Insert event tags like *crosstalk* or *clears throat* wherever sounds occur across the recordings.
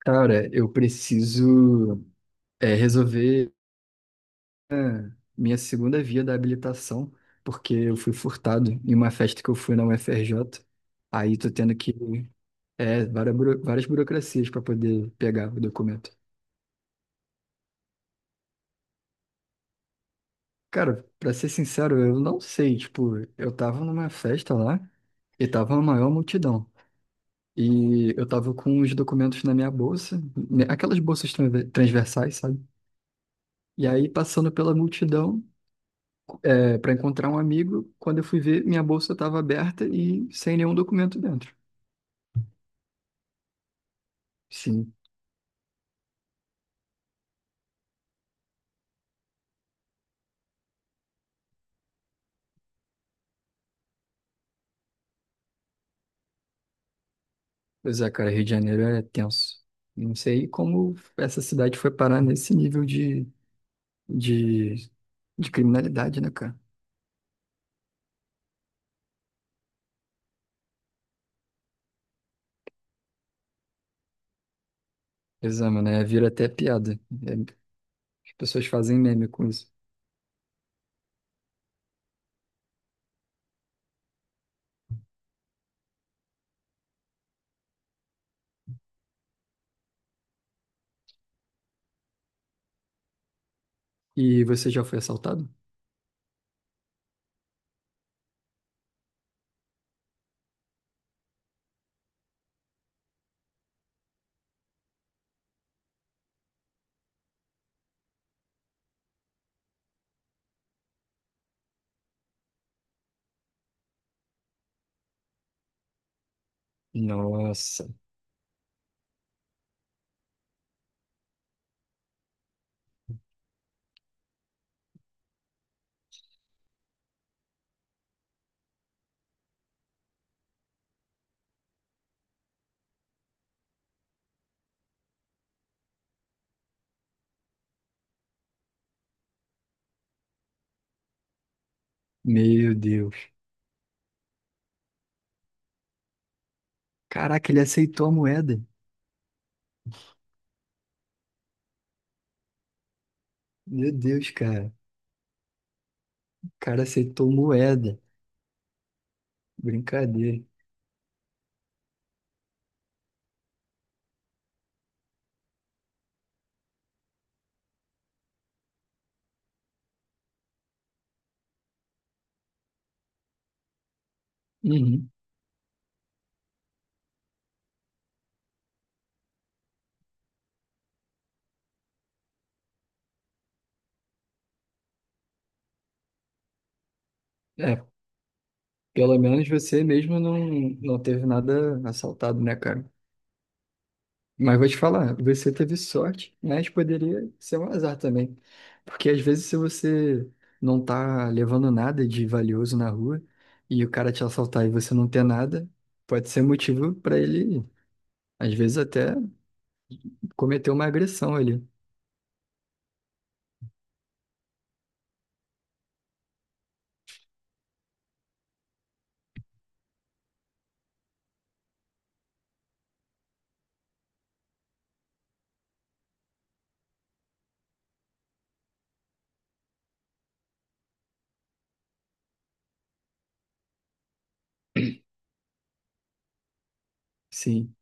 Cara, eu preciso resolver minha segunda via da habilitação, porque eu fui furtado em uma festa que eu fui na UFRJ. Aí tô tendo que várias burocracias para poder pegar o documento. Cara, pra ser sincero, eu não sei. Tipo, eu tava numa festa lá e tava a maior multidão. E eu tava com os documentos na minha bolsa, né, aquelas bolsas transversais, sabe? E aí, passando pela multidão, para encontrar um amigo, quando eu fui ver, minha bolsa estava aberta e sem nenhum documento dentro. Sim, pois é, cara, Rio de Janeiro é tenso. Não sei como essa cidade foi parar nesse nível de, de criminalidade, né, cara? Exame, né? Vira até piada. É, as pessoas fazem meme com isso. E você já foi assaltado? Nossa, meu Deus. Caraca, ele aceitou a moeda. Meu Deus, cara. O cara aceitou moeda. Brincadeira. Uhum. É, pelo menos você mesmo não, não teve nada assaltado, né, cara? Mas vou te falar, você teve sorte, mas poderia ser um azar também. Porque às vezes se você não tá levando nada de valioso na rua e o cara te assaltar e você não ter nada, pode ser motivo para ele, às vezes até cometer uma agressão ali. Sim.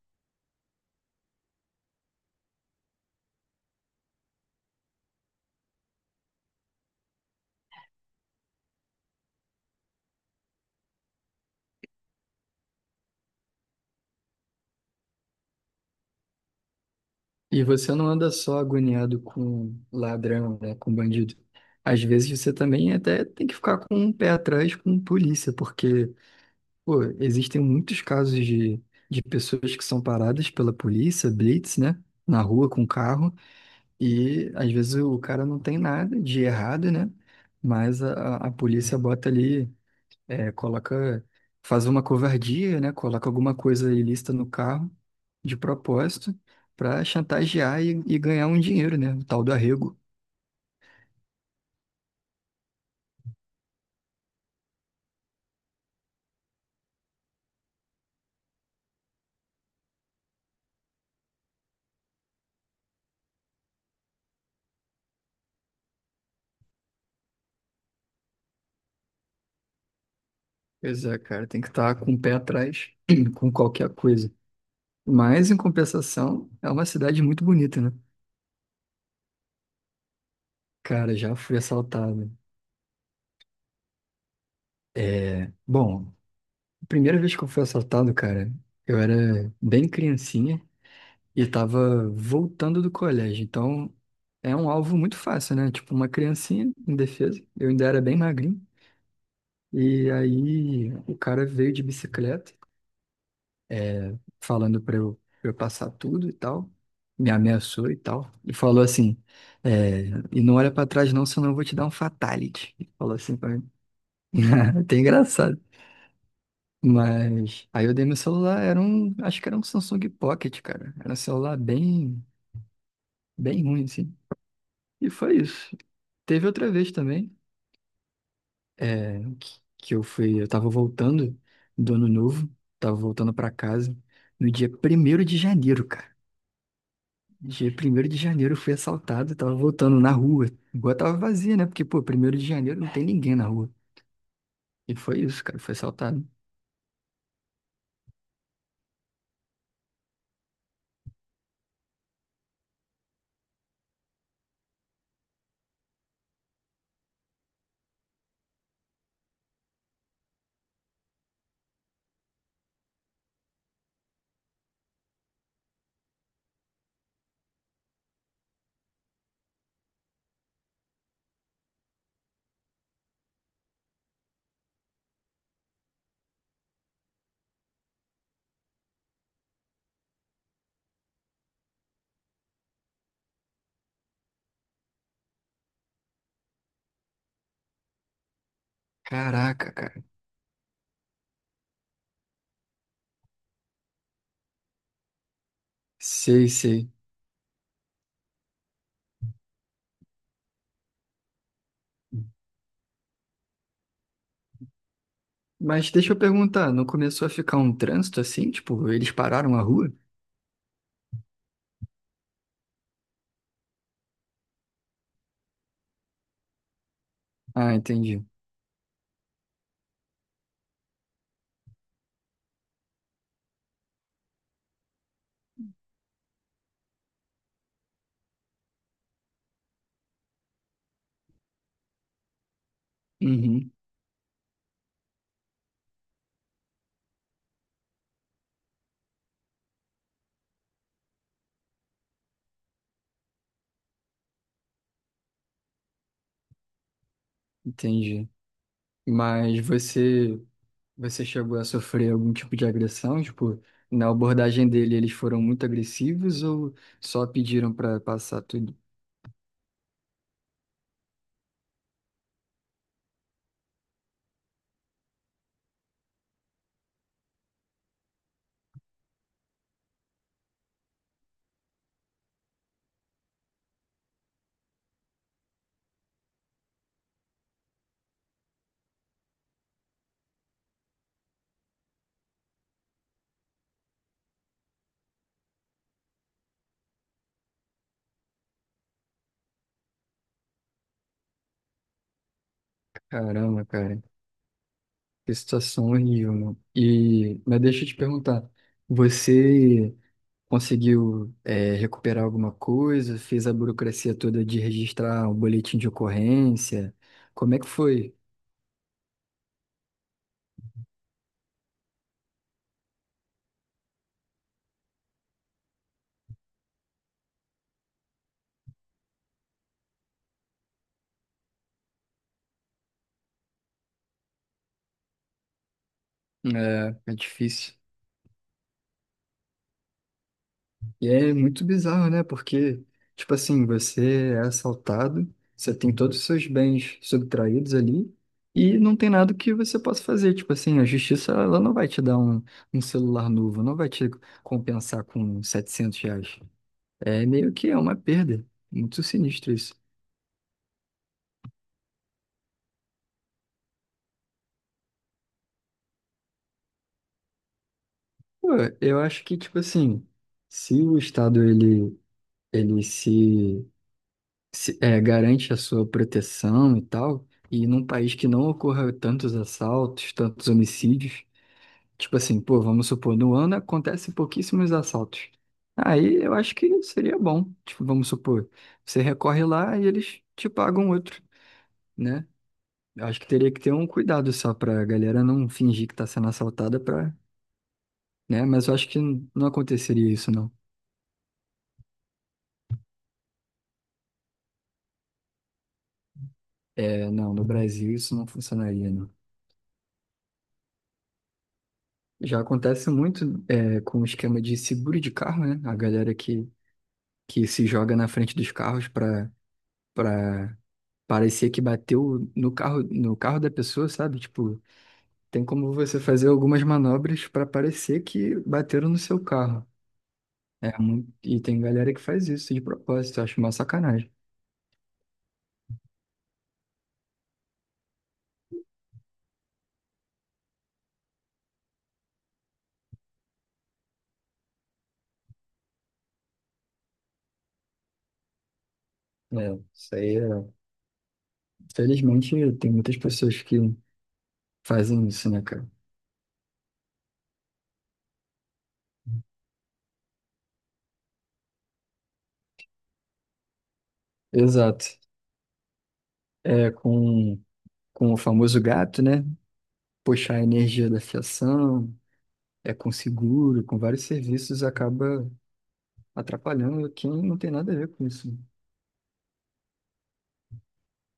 E você não anda só agoniado com ladrão, né, com bandido. Às vezes você também até tem que ficar com um pé atrás com polícia, porque, pô, existem muitos casos de pessoas que são paradas pela polícia, blitz, né, na rua com carro, e às vezes o cara não tem nada de errado, né, mas a polícia bota ali coloca, faz uma covardia, né? Coloca alguma coisa ilícita no carro de propósito para chantagear e ganhar um dinheiro, né? O tal do arrego. Pois é, cara, tem que estar com o pé atrás *clears throat* com qualquer coisa. Mas, em compensação, é uma cidade muito bonita, né? Cara, já fui assaltado. É, bom, a primeira vez que eu fui assaltado, cara, eu era bem criancinha. E tava voltando do colégio, então é um alvo muito fácil, né? Tipo, uma criancinha indefesa, eu ainda era bem magrinho. E aí o cara veio de bicicleta, falando pra eu passar tudo e tal, me ameaçou e tal, e falou assim: é, e não olha pra trás não, senão eu vou te dar um fatality. Falou assim pra mim. *laughs* Até engraçado. Mas aí eu dei meu celular, era um, acho que era um Samsung Pocket, cara. Era um celular bem, bem ruim, assim. E foi isso. Teve outra vez também, que eu fui, eu tava voltando do ano novo, tava voltando pra casa no dia 1º de janeiro, cara. Dia primeiro de janeiro eu fui assaltado, tava voltando na rua. Igual tava vazia, né? Porque, pô, 1º de janeiro não tem ninguém na rua. E foi isso, cara, foi assaltado. Caraca, cara. Sei, sei. Mas deixa eu perguntar, não começou a ficar um trânsito assim? Tipo, eles pararam a rua? Ah, entendi. Uhum, entendi. Mas você Você chegou a sofrer algum tipo de agressão? Tipo, na abordagem dele, eles foram muito agressivos ou só pediram pra passar tudo? Caramba, cara, que situação horrível, mano. E, mas deixa eu te perguntar, você conseguiu, recuperar alguma coisa? Fez a burocracia toda de registrar um boletim de ocorrência? Como é que foi? É, é difícil. E é muito bizarro, né? Porque, tipo assim, você é assaltado, você tem todos os seus bens subtraídos ali e não tem nada que você possa fazer. Tipo assim, a justiça, ela não vai te dar um, celular novo, não vai te compensar com R$ 700. É meio que é uma perda. Muito sinistro isso. Pô, eu acho que, tipo assim, se o Estado, ele, ele se garante a sua proteção e tal, e num país que não ocorra tantos assaltos, tantos homicídios, tipo assim, pô, vamos supor, no ano acontecem pouquíssimos assaltos. Aí eu acho que seria bom, tipo, vamos supor, você recorre lá e eles te pagam outro, né? Eu acho que teria que ter um cuidado só pra galera não fingir que tá sendo assaltada pra, né? Mas eu acho que não aconteceria isso, não. É, não, no Brasil isso não funcionaria, não. Já acontece muito com o esquema de seguro de carro, né? A galera que se joga na frente dos carros para parecer que bateu no carro da pessoa, sabe? Tipo, tem como você fazer algumas manobras para parecer que bateram no seu carro. É muito, e tem galera que faz isso de propósito, eu acho uma sacanagem. É, isso aí é... Felizmente tem muitas pessoas que fazem isso, né, cara? Exato. É com o famoso gato, né? Puxar a energia da fiação, é com seguro, com vários serviços, acaba atrapalhando quem não tem nada a ver com isso.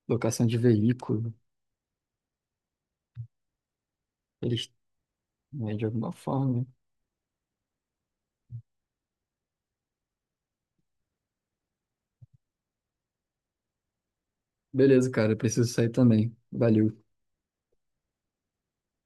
Locação de veículo, eles, né, de alguma forma. Né? Beleza, cara, eu preciso sair também. Valeu.